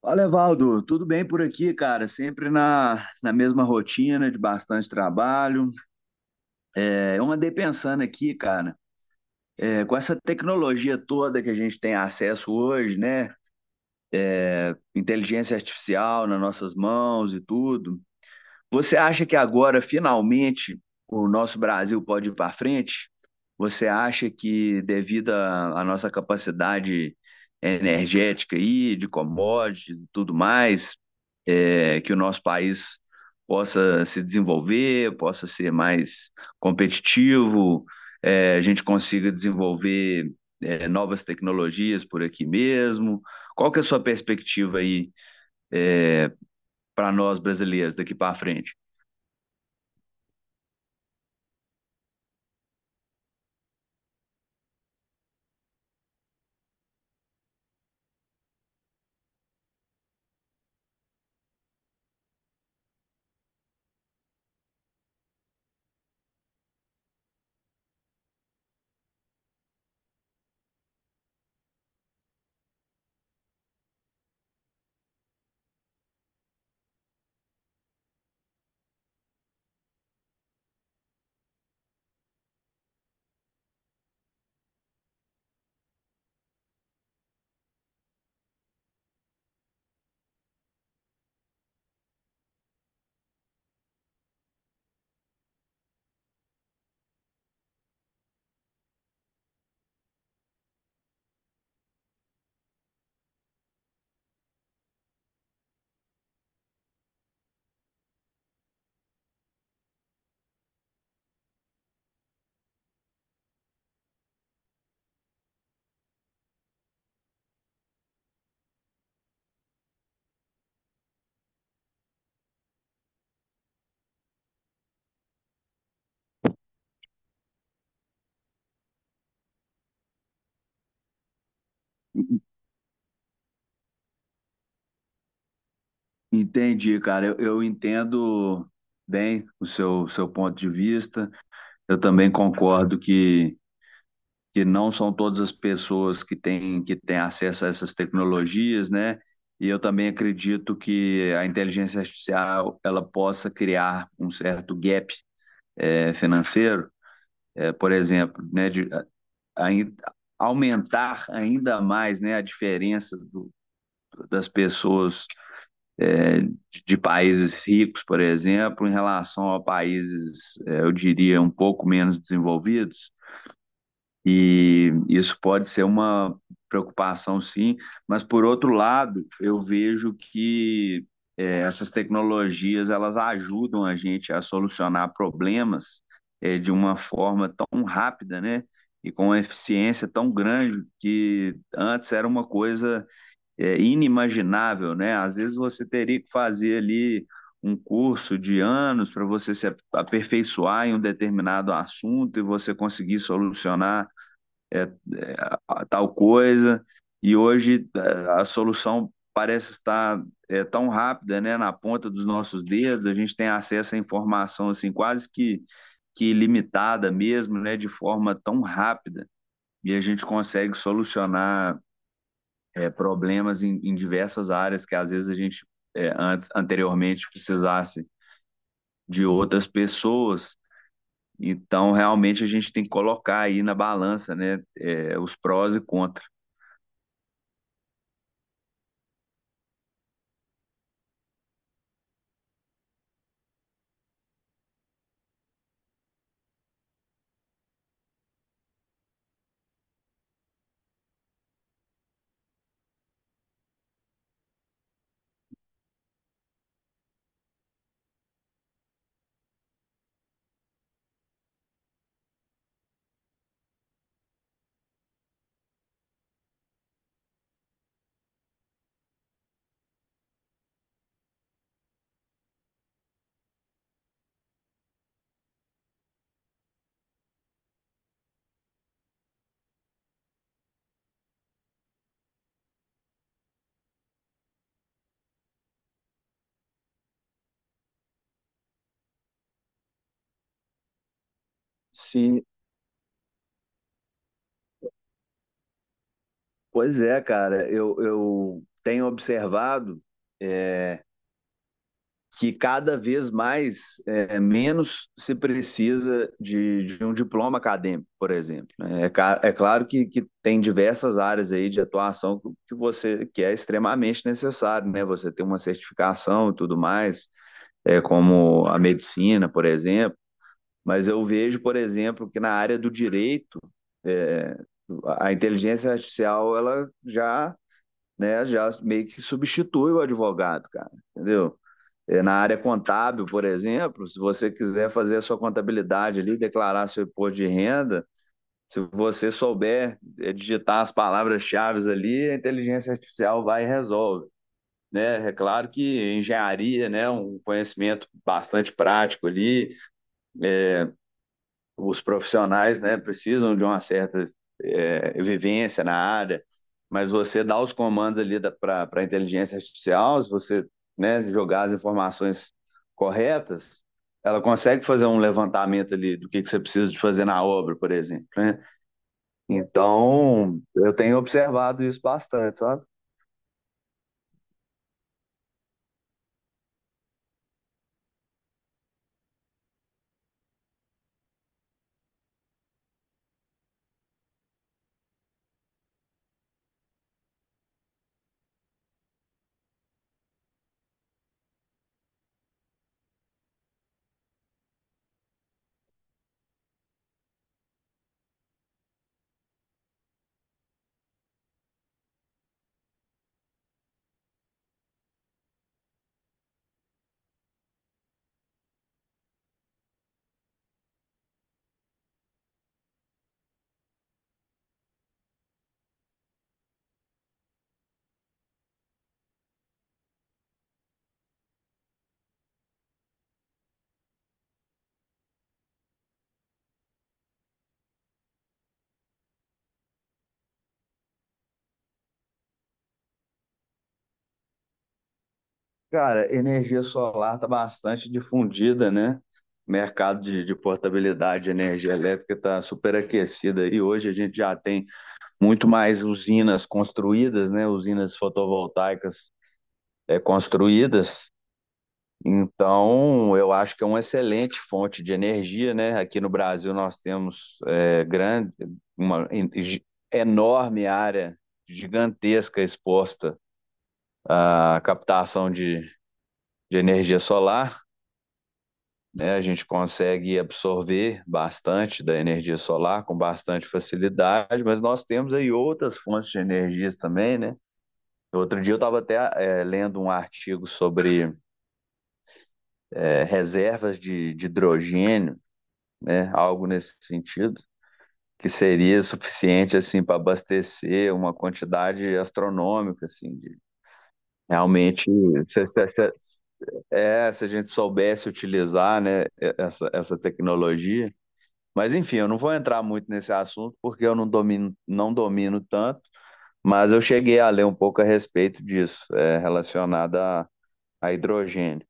Fala, Evaldo. Tudo bem por aqui, cara? Sempre na mesma rotina de bastante trabalho. Eu andei pensando aqui, cara, com essa tecnologia toda que a gente tem acesso hoje, né? Inteligência artificial nas nossas mãos e tudo. Você acha que agora, finalmente, o nosso Brasil pode ir para frente? Você acha que, devido à nossa capacidade energética aí, de commodities e tudo mais, que o nosso país possa se desenvolver, possa ser mais competitivo, a gente consiga desenvolver, novas tecnologias por aqui mesmo? Qual que é a sua perspectiva aí para nós brasileiros daqui para frente? Entendi, cara. Eu entendo bem o seu ponto de vista. Eu também concordo que não são todas as pessoas que têm acesso a essas tecnologias, né? E eu também acredito que a inteligência artificial ela possa criar um certo gap financeiro, por exemplo, né, ain- aumentar ainda mais, né, a das pessoas é, de, de países ricos, por exemplo, em relação a países, é, eu diria, um pouco menos desenvolvidos. E isso pode ser uma preocupação, sim, mas por outro lado, eu vejo que essas tecnologias elas ajudam a gente a solucionar problemas de uma forma tão rápida, né? E com uma eficiência tão grande que antes era uma coisa inimaginável, né? Às vezes você teria que fazer ali um curso de anos para você se aperfeiçoar em um determinado assunto e você conseguir solucionar é, é, tal coisa. E hoje a solução parece estar tão rápida, né, na ponta dos nossos dedos. A gente tem acesso à informação assim quase que limitada mesmo, né, de forma tão rápida e a gente consegue solucionar problemas em diversas áreas que às vezes a gente anteriormente precisasse de outras pessoas. Então, realmente, a gente tem que colocar aí na balança, né, os prós e contras. Sim, pois é, cara. Eu tenho observado é, que cada vez mais menos se precisa de um diploma acadêmico, por exemplo. Né? É, é claro que, tem diversas áreas aí de atuação que você que é extremamente necessário, né? Você tem uma certificação e tudo mais, como a medicina, por exemplo. Mas eu vejo, por exemplo, que na área do direito é, a inteligência artificial ela já né, já meio que substitui o advogado, cara, entendeu? É, na área contábil, por exemplo, se você quiser fazer a sua contabilidade ali, declarar seu imposto de renda, se você souber digitar as palavras-chave ali, a inteligência artificial vai e resolve. Né? É claro que engenharia, né, é um conhecimento bastante prático ali, os profissionais, né, precisam de uma certa vivência na área, mas você dá os comandos ali para a inteligência artificial, se você, né, jogar as informações corretas, ela consegue fazer um levantamento ali do que você precisa de fazer na obra, por exemplo, né? Então, eu tenho observado isso bastante, sabe? Cara, energia solar está bastante difundida, né? Mercado de portabilidade de energia elétrica está superaquecido e hoje a gente já tem muito mais usinas construídas, né? Usinas fotovoltaicas construídas. Então, eu acho que é uma excelente fonte de energia, né? Aqui no Brasil nós temos uma enorme área gigantesca exposta à captação de energia solar, né? A gente consegue absorver bastante da energia solar com bastante facilidade, mas nós temos aí outras fontes de energias também, né? Outro dia eu estava até lendo um artigo sobre reservas de hidrogênio, né, algo nesse sentido, que seria suficiente assim para abastecer uma quantidade astronômica, assim, realmente se, se- se- se a gente soubesse utilizar, né, essa tecnologia. Mas enfim, eu não vou entrar muito nesse assunto porque eu não domino tanto, mas eu cheguei a ler um pouco a respeito disso, relacionado a hidrogênio.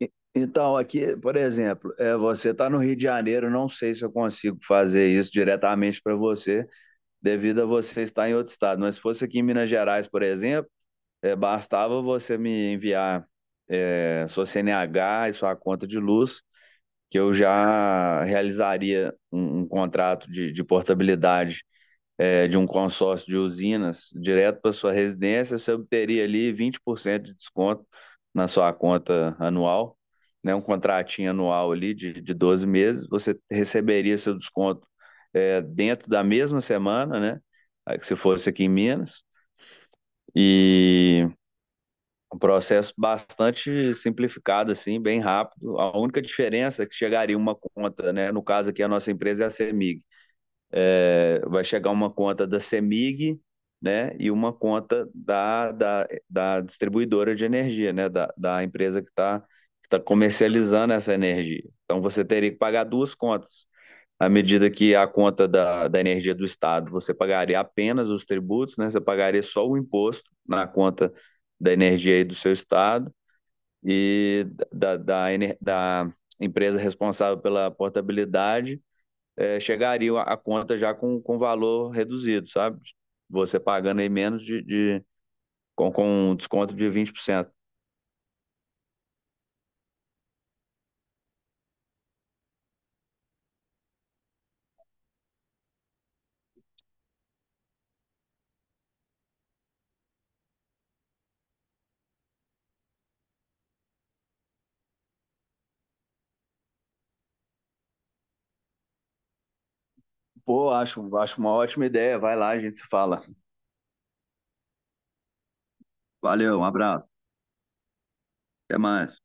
Então, aqui, por exemplo, é, você está no Rio de Janeiro, não sei se eu consigo fazer isso diretamente para você, devido a você estar em outro estado. Mas se fosse aqui em Minas Gerais, por exemplo, bastava você me enviar sua CNH e sua conta de luz, que eu já realizaria um contrato de portabilidade de um consórcio de usinas direto para sua residência, você obteria ali 20% de desconto na sua conta anual, né? Um contratinho anual ali de 12 meses, você receberia seu desconto dentro da mesma semana, né? Aí, se fosse aqui em Minas. E um processo bastante simplificado, assim, bem rápido. A única diferença é que chegaria uma conta, né? No caso aqui, a nossa empresa é a CEMIG, vai chegar uma conta da CEMIG, né, e uma conta da distribuidora de energia, né, da empresa que está que tá comercializando essa energia. Então você teria que pagar duas contas. À medida que a conta da energia do Estado, você pagaria apenas os tributos, né, você pagaria só o imposto na conta da energia aí do seu Estado e da, da, da, da empresa responsável pela portabilidade chegariam a conta já com valor reduzido, sabe? Você pagando aí menos com um desconto de 20%. Pô, acho uma ótima ideia. Vai lá, a gente se fala. Valeu, um abraço. Até mais.